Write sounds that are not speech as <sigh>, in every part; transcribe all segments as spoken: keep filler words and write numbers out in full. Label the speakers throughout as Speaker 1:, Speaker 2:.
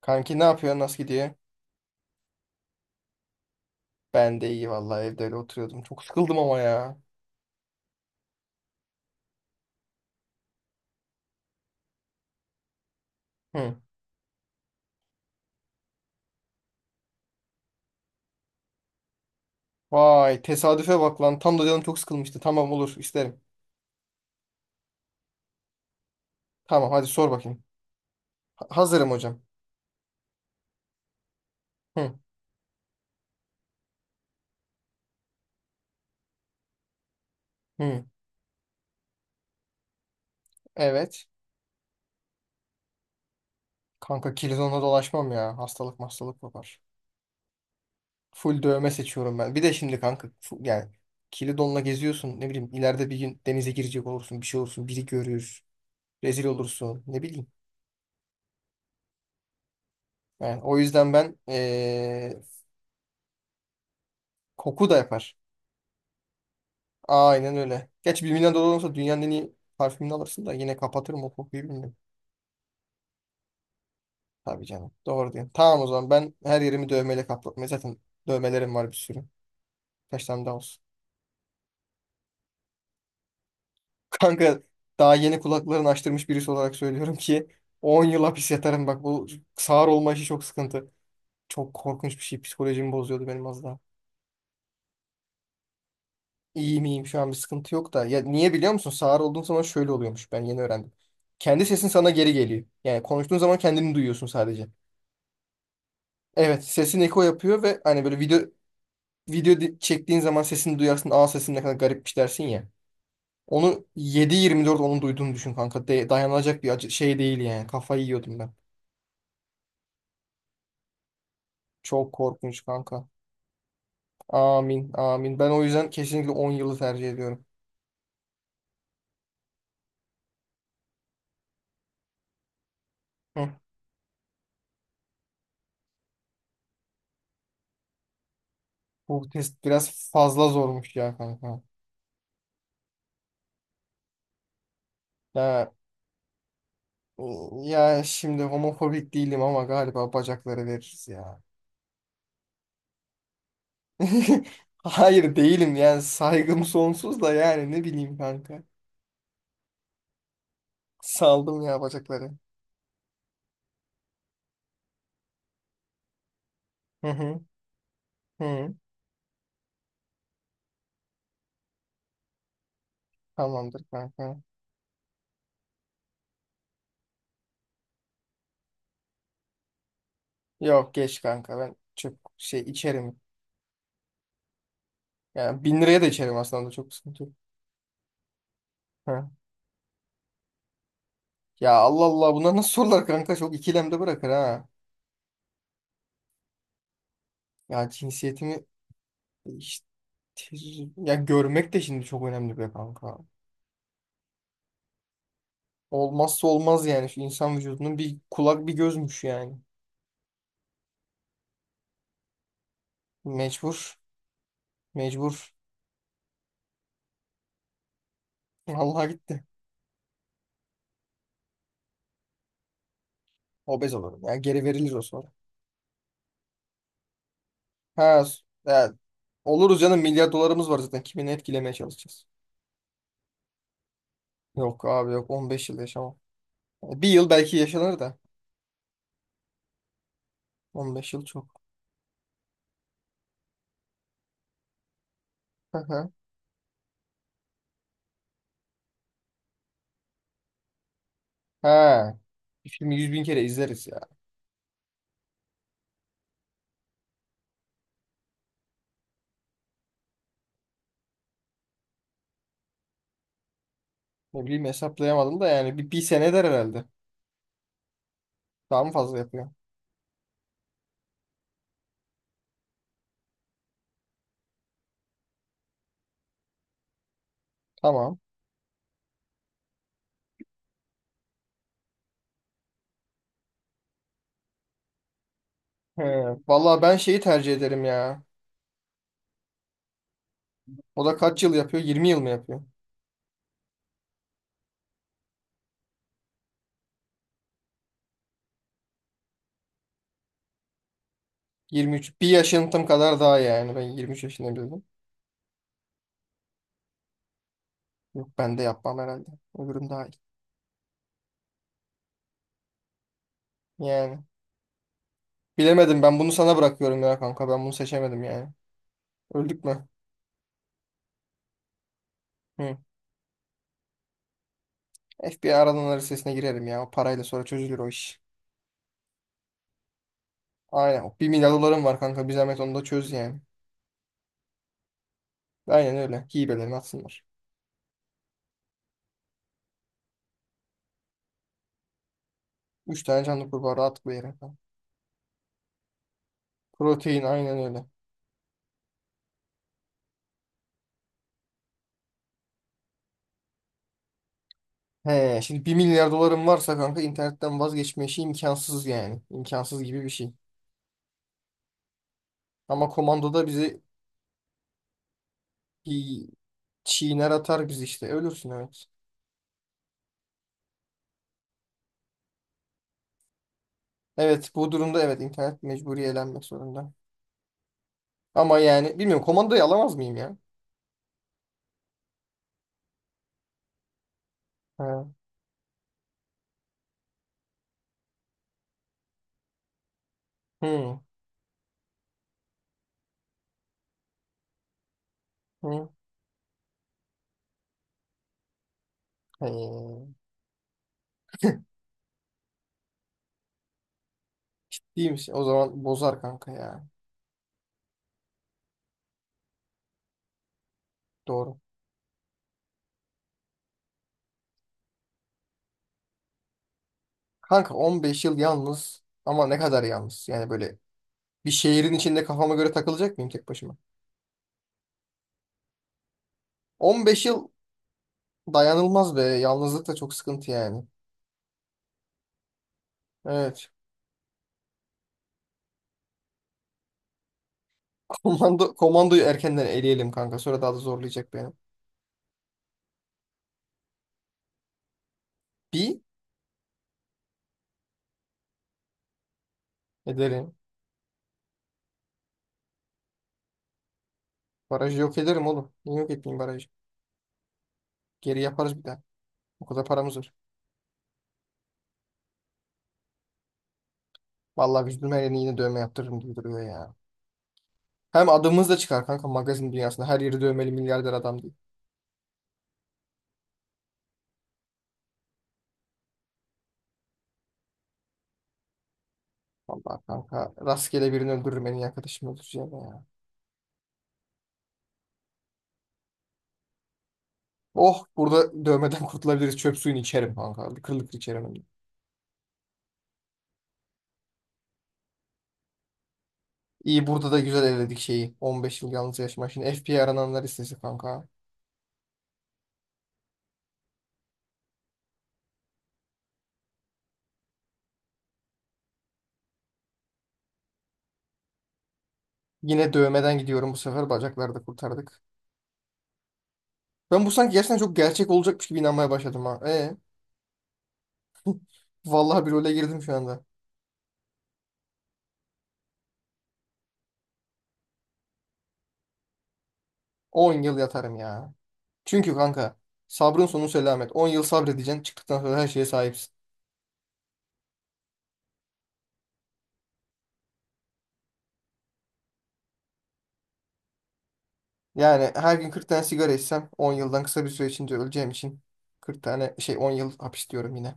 Speaker 1: Kanki ne yapıyor? Nasıl gidiyor? Ben de iyi vallahi, evde öyle oturuyordum. Çok sıkıldım ama ya. Hı. Vay tesadüfe bak lan. Tam da canım çok sıkılmıştı. Tamam, olur, isterim. Tamam, hadi sor bakayım. Ha- hazırım hocam. Hı. Hı. Evet. Kanka kilizonla dolaşmam ya. Hastalık hastalık yapar. Full dövme seçiyorum ben. Bir de şimdi kanka fu- yani kilidonla geziyorsun. Ne bileyim, ileride bir gün denize girecek olursun. Bir şey olursun. Biri görür. Rezil olursun. Ne bileyim. Yani o yüzden ben ee, koku da yapar. Aynen öyle. Geç, bir milyon dolar milyon dolar olsa dünyanın en iyi parfümünü alırsın da yine kapatırım o kokuyu, bilmiyorum. Tabii canım. Doğru diyorsun. Tamam, o zaman ben her yerimi dövmeyle kaplatmaya zaten dövmelerim var, bir sürü. Kaç tane daha olsun. <laughs> Kanka, daha yeni kulaklarını açtırmış birisi olarak söylüyorum ki on yıl hapis yatarım, bak bu sağır olma işi çok sıkıntı. Çok korkunç bir şey, psikolojimi bozuyordu benim az daha. İyi miyim şu an, bir sıkıntı yok da. Ya niye biliyor musun? Sağır olduğun zaman şöyle oluyormuş, ben yeni öğrendim. Kendi sesin sana geri geliyor. Yani konuştuğun zaman kendini duyuyorsun sadece. Evet, sesin eko yapıyor ve hani böyle video video di- çektiğin zaman sesini duyarsın. Aa, sesim ne kadar garipmiş dersin ya. Onu yedi yirmi dört onun duyduğunu düşün kanka. De- dayanılacak bir acı şey değil yani. Kafayı yiyordum ben. Çok korkunç kanka. Amin, amin. Ben o yüzden kesinlikle on yılı tercih ediyorum. Hı. Bu test biraz fazla zormuş ya kanka. Ya, ya şimdi homofobik değilim ama galiba bacakları veririz ya. <laughs> Hayır, değilim yani, saygım sonsuz da, yani ne bileyim kanka. Saldım ya bacakları. Hı hı. Hı. Tamamdır kanka. Yok geç kanka, ben çok şey içerim. Yani bin liraya da içerim aslında, çok sıkıntı yok. Ha. Ya Allah Allah, bunlar nasıl sorular kanka, çok ikilemde bırakır ha. Ya cinsiyetimi işte, ya görmek de şimdi çok önemli be kanka. Olmazsa olmaz yani, şu insan vücudunun bir kulak bir gözmüş yani. Mecbur. Mecbur. Vallahi gitti. Obez olurum ya, geri verilir o sonra. Ha, s- ya, Oluruz canım, milyar dolarımız var zaten. Kimini etkilemeye çalışacağız. Yok abi yok, on beş yıl yaşamam. E, Bir yıl belki yaşanır da on beş yıl çok. Hı hı. Ha, bir filmi yüz bin kere izleriz ya. Ne bileyim, hesaplayamadım da yani bir, bir sene eder herhalde. Daha mı fazla yapıyor? Tamam. He, Vallahi ben şeyi tercih ederim ya. O da kaç yıl yapıyor? yirmi yıl mı yapıyor? yirmi üç. Bir yaşıntım kadar daha yani. Ben yirmi üç yaşında bildim. Yok, ben de yapmam herhalde. Öbürüm daha iyi. Yani. Bilemedim, ben bunu sana bırakıyorum ya kanka, ben bunu seçemedim yani. Öldük mü? Hı. F B I aradan listesine girerim ya, o parayla sonra çözülür o iş. Aynen, o bir milyar dolarım var kanka, bir zahmet onu da çöz yani. Aynen öyle, hibelerini atsınlar. Üç tane canlı kurbağa rahatlıkla yere kanka. Protein, aynen öyle. He, Şimdi bir milyar dolarım varsa kanka, internetten vazgeçme işi imkansız yani. İmkansız gibi bir şey. Ama komandoda bizi bir çiğner atar, biz işte ölürsün evet. Evet, bu durumda evet, internet mecburi elenmek zorunda. Ama yani bilmiyorum, komandayı alamaz mıyım ya? Ha. Hı. Hı. He. İyiymiş. O zaman bozar kanka ya. Doğru. Kanka on beş yıl yalnız, ama ne kadar yalnız? Yani böyle bir şehrin içinde kafama göre takılacak mıyım tek başıma? On beş yıl dayanılmaz be. Yalnızlık da çok sıkıntı yani. Evet. <laughs> Komando, komandoyu erkenden eleyelim kanka. Sonra daha da zorlayacak beni. Bir ederim. Barajı yok ederim oğlum. Niye yok etmeyeyim barajı? Geri yaparız bir daha. O kadar paramız var. Vallahi vücudum her yerine yine dövme yaptırırım gibi duruyor ya. Hem adımız da çıkar kanka magazin dünyasında. Her yeri dövmeli milyarder adam, değil. Vallahi kanka, rastgele birini öldürürüm, en iyi arkadaşımı öldüreceğim ya. Oh, burada dövmeden <laughs> kurtulabiliriz. Çöp suyunu içerim kanka. Kırıl kırıl içerim hem de. İyi, burada da güzel evledik şeyi. on beş yıl yalnız yaşama. Şimdi F B I'ye arananlar listesi kanka. Yine dövmeden gidiyorum bu sefer. Bacakları da kurtardık. Ben bu sanki gerçekten çok gerçek olacakmış gibi inanmaya başladım ha. E, vallahi bir role girdim şu anda. on yıl yatarım ya. Çünkü kanka sabrın sonu selamet. on yıl sabredeceksin. Çıktıktan sonra her şeye sahipsin. Yani her gün kırk tane sigara içsem on yıldan kısa bir süre içinde öleceğim için kırk tane şey on yıl hapis diyorum yine.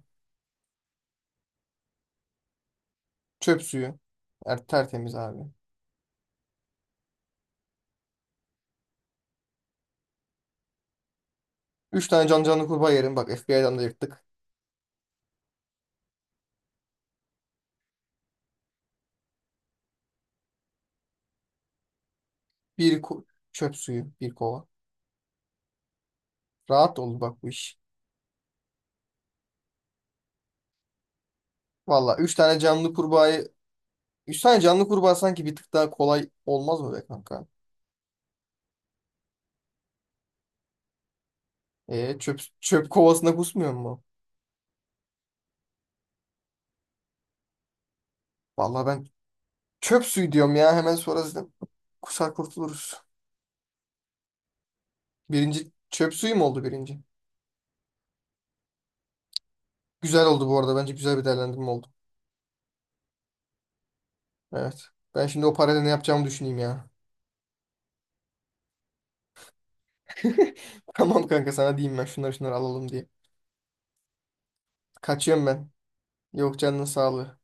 Speaker 1: Çöp suyu. Er, tertemiz abi. üç tane can canlı kurbağa yerim. Bak F B I'dan da yırttık. Bir ku- Çöp suyu. Bir kova. Rahat olur bak bu iş. Valla, üç tane canlı kurbağayı üç tane canlı kurbağa sanki bir tık daha kolay olmaz mı be kanka? E, çöp, çöp kovasına kusmuyor mu? Valla ben çöp suyu diyorum ya. Hemen sonra zaten kusar kurtuluruz. Birinci çöp suyu mu oldu birinci? Güzel oldu bu arada. Bence güzel bir değerlendirme oldu. Evet. Ben şimdi o parayla ne yapacağımı düşüneyim ya. <laughs> Tamam kanka, sana diyeyim ben şunları şunları alalım diye. Kaçıyorum ben. Yok, canının sağlığı.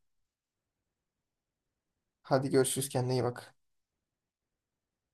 Speaker 1: Hadi görüşürüz, kendine iyi bak.